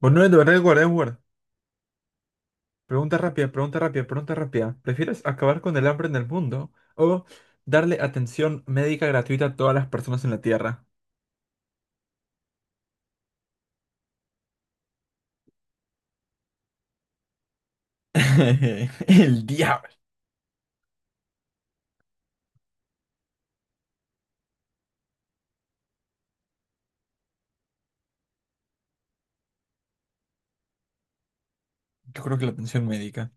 Bueno, Edward, Edward, Edward. Pregunta rápida, pregunta rápida, pregunta rápida. ¿Prefieres acabar con el hambre en el mundo o darle atención médica gratuita a todas las personas en la Tierra? El diablo. Yo creo que la atención médica.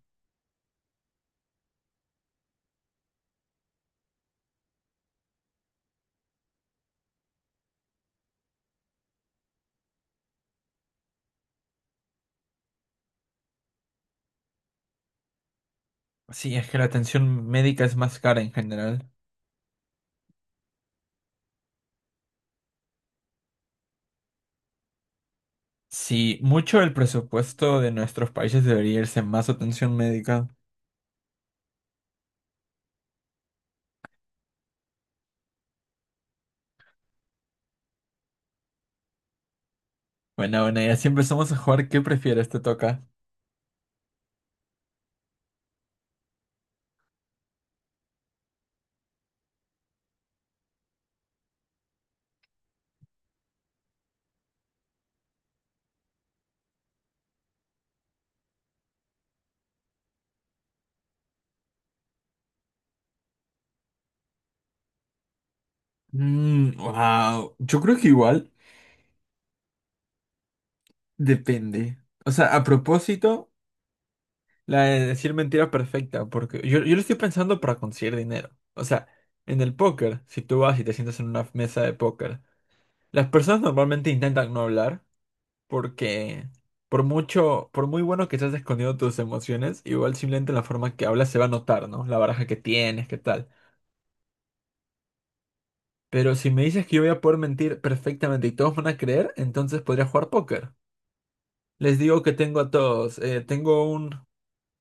Sí, es que la atención médica es más cara en general. Sí, mucho del presupuesto de nuestros países debería irse en más atención médica. Bueno, bueno, ya siempre empezamos a jugar, ¿qué prefieres? Te toca. Mm, wow. Yo creo que igual depende. O sea, a propósito. La de decir mentira perfecta, porque yo lo estoy pensando para conseguir dinero. O sea, en el póker, si tú vas y te sientas en una mesa de póker, las personas normalmente intentan no hablar porque por mucho, por muy bueno que estés escondiendo tus emociones, igual simplemente la forma que hablas se va a notar, ¿no? La baraja que tienes, qué tal. Pero si me dices que yo voy a poder mentir perfectamente y todos van a creer, entonces podría jugar póker. Les digo que tengo a todos, tengo un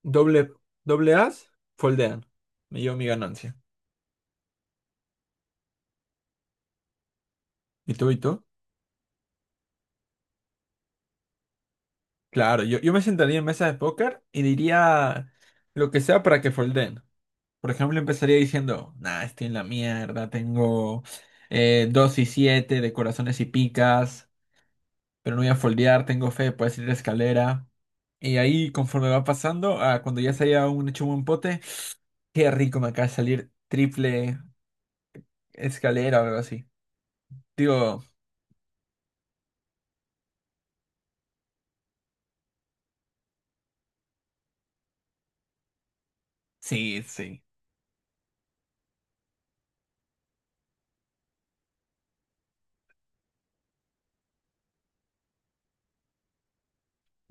doble, doble as, foldean. Me llevo mi ganancia. ¿Y tú y tú? Claro, yo me sentaría en mesa de póker y diría lo que sea para que folden. Por ejemplo, empezaría diciendo, nah, estoy en la mierda, tengo 2 y 7 de corazones y picas, pero no voy a foldear, tengo fe, puedes ir a escalera. Y ahí, conforme va pasando, ah, cuando ya se haya un hecho un buen pote, qué rico me acaba de salir triple escalera o algo así. Digo, sí, sí.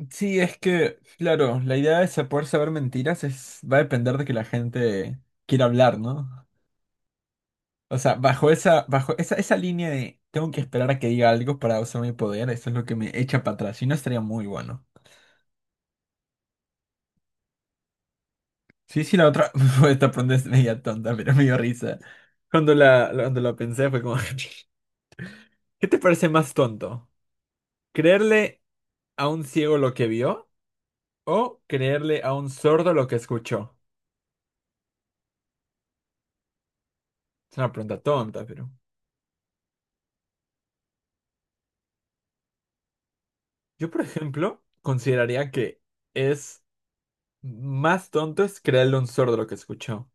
Sí, es que, claro, la idea de poder saber mentiras es, va a depender de que la gente quiera hablar, ¿no? O sea, bajo esa línea de tengo que esperar a que diga algo para usar mi poder, eso es lo que me echa para atrás. Si no, estaría muy bueno. Sí, sí, la otra, esta pregunta es media tonta, pero me dio risa. Cuando cuando la pensé fue como, ¿qué te parece más tonto? ¿Creerle a un ciego lo que vio o creerle a un sordo lo que escuchó? Es una pregunta tonta, pero... Yo, por ejemplo, consideraría que es más tonto es creerle un sordo lo que escuchó.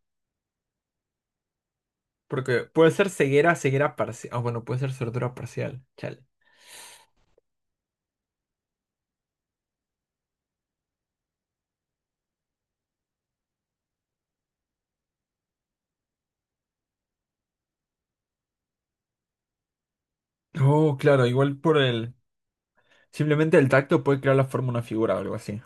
Porque puede ser ceguera, ceguera parcial. Ah, bueno, puede ser sordura parcial. Chale. Oh, claro, igual por el. Simplemente el tacto puede crear la forma de una figura o algo así.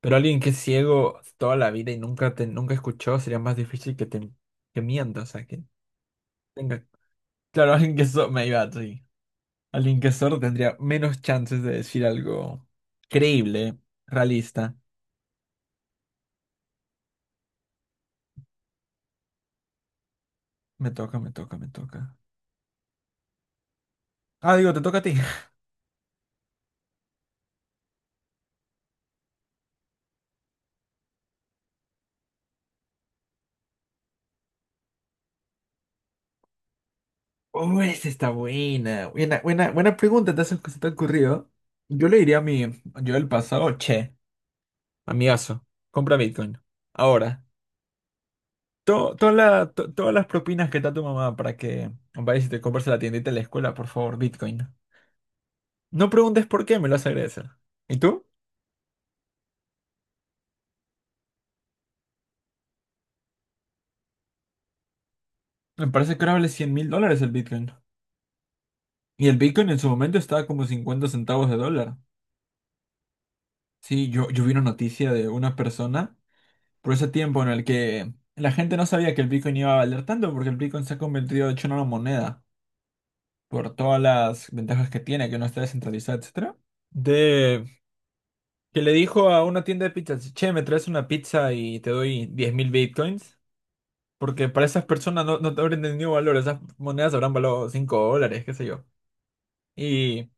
Pero alguien que es ciego toda la vida y nunca escuchó, sería más difícil que mienta, o sea, que tenga. Claro, alguien que es sordo. Me iba, sí. Alguien que es sordo tendría menos chances de decir algo creíble, realista. Me toca, me toca, me toca. Ah, digo, te toca a ti. Oh, esa está buena. Buena, buena, buena pregunta, te has, se te ha ocurrido. Yo le diría a mi yo del pasado, che, amigazo, compra Bitcoin. Ahora, todas las propinas que te da tu mamá para que vayas y te compres a la tiendita de la escuela, por favor, Bitcoin. No preguntes por qué, me lo vas a agradecer. ¿Y tú? Me parece que ahora vale $100,000 el Bitcoin. Y el Bitcoin en su momento estaba como $0.50. Sí, yo vi una noticia de una persona. Por ese tiempo en el que la gente no sabía que el Bitcoin iba a valer tanto, porque el Bitcoin se ha convertido de hecho en una moneda, por todas las ventajas que tiene, que no está descentralizada, etcétera. De que le dijo a una tienda de pizzas, che, me traes una pizza y te doy 10,000 Bitcoins, porque para esas personas no, no te habrán entendido valor, esas monedas habrán valorado $5, qué sé yo. Y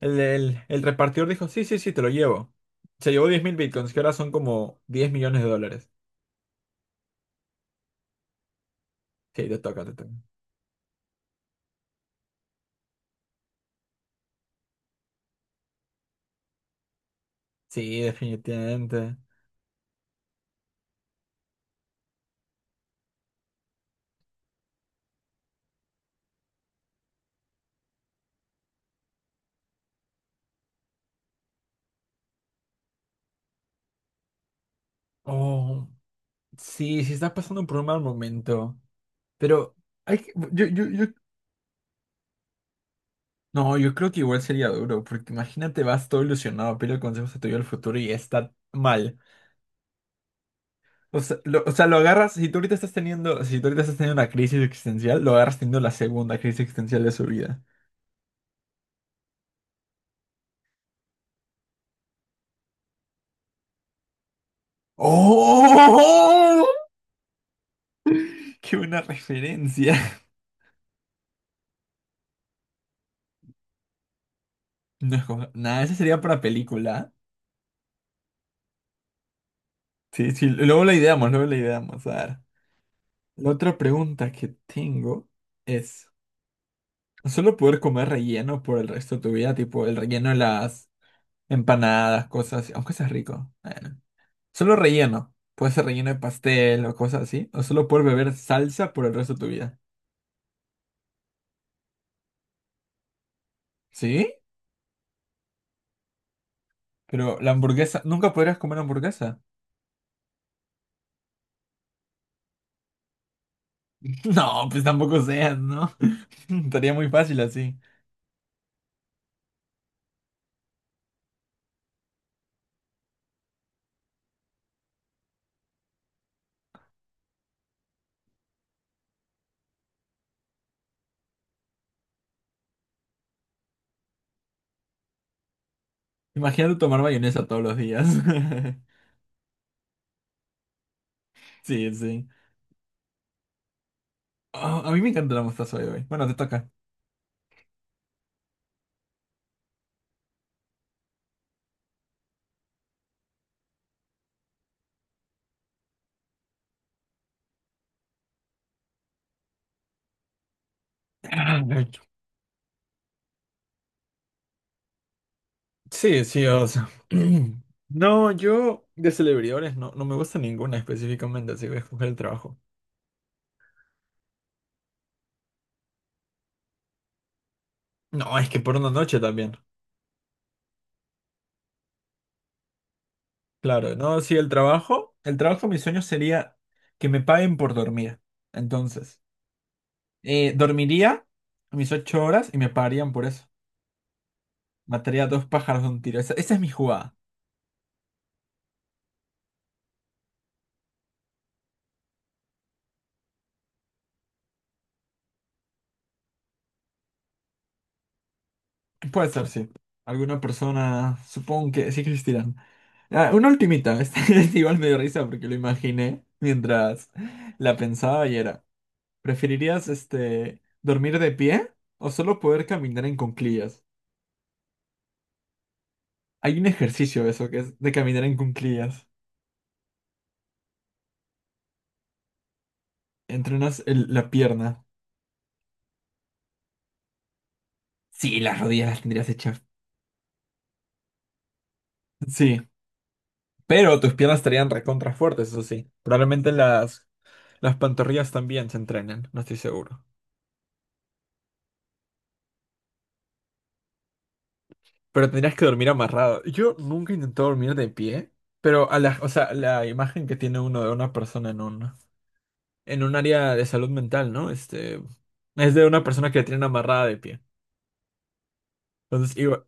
el repartidor dijo, sí, sí, sí, te lo llevo. Se llevó 10,000 Bitcoins, que ahora son como $10,000,000. Sí, te toca, te toca. Sí, definitivamente. Oh, sí, sí está pasando por un mal momento. Pero hay no, yo creo que igual sería duro, porque imagínate, vas todo ilusionado, pide consejos a tu yo del futuro y está mal. O sea, o sea, lo agarras, si tú ahorita estás teniendo, si tú ahorita estás teniendo una crisis existencial, lo agarras teniendo la segunda crisis existencial de su vida. ¡Oh! ¡Qué buena referencia! No es como, nada, esa sería para película. Sí, sí, luego la ideamos, luego la ideamos. A ver, la otra pregunta que tengo es... Solo poder comer relleno por el resto de tu vida, tipo el relleno de las empanadas, cosas así, aunque sea rico. Bueno. Solo relleno. Puede ser relleno de pastel o cosas así. O solo poder beber salsa por el resto de tu vida. ¿Sí? Pero la hamburguesa, ¿nunca podrías comer hamburguesa? No, pues tampoco seas, ¿no? Estaría muy fácil así. Imagínate tomar mayonesa todos los días. Sí, sí. Oh, a mí me encanta la mostaza hoy, güey. Bueno, te toca. Sí, sí, o sea. No, yo de celebridades no, no me gusta ninguna específicamente, así que voy a escoger el trabajo. No, es que por una noche también. Claro, no, sí, el trabajo, mi sueño sería que me paguen por dormir. Entonces, dormiría mis 8 horas y me pagarían por eso. Mataría a dos pájaros de un tiro. Esa es mi jugada. Puede ser, sí. Alguna persona, supongo que sí existirán. Ah, una ultimita, esta es igual me dio risa porque lo imaginé mientras la pensaba y era, ¿preferirías este, dormir de pie o solo poder caminar en cuclillas? Hay un ejercicio de eso que es de caminar en cuclillas. Entrenas la pierna. Sí, las rodillas las tendrías hechas. Sí, pero tus piernas estarían recontra fuertes, eso sí. Probablemente las pantorrillas también se entrenen, no estoy seguro. Pero tendrías que dormir amarrado. Yo nunca he intentado dormir de pie, pero a la, o sea, la imagen que tiene uno de una persona en un área de salud mental, ¿no? Este, es de una persona que la tienen amarrada de pie. Entonces, igual,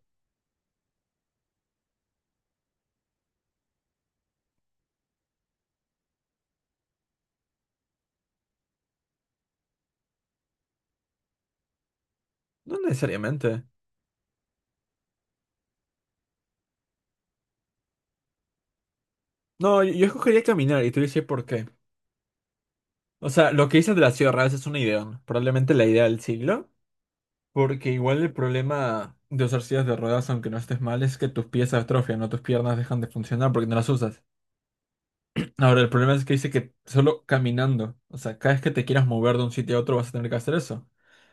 no necesariamente. No, yo escogería caminar y te dices por qué. O sea, lo que dices de las silla es una idea, ¿no? Probablemente la idea del siglo, porque igual el problema de usar sillas de ruedas, aunque no estés mal, es que tus pies se atrofian, no tus piernas dejan de funcionar porque no las usas. Ahora, el problema es que dice que solo caminando, o sea, cada vez que te quieras mover de un sitio a otro vas a tener que hacer eso.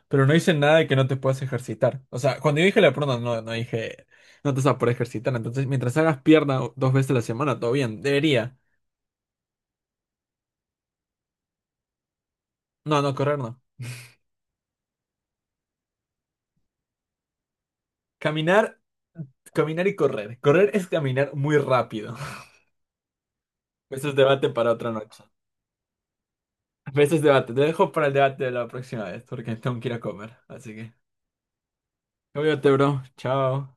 Pero no dice nada de que no te puedas ejercitar. O sea, cuando yo dije la pierna, no dije, no te vas a poder ejercitar. Entonces, mientras hagas pierna dos veces a la semana, todo bien, debería. No, correr no. Caminar, caminar y correr. Correr es caminar muy rápido. Eso es debate para otra noche. Ese es debate. Te dejo para el debate de la próxima vez, porque tengo que ir a comer. Así que, cuídate, bro. Chao.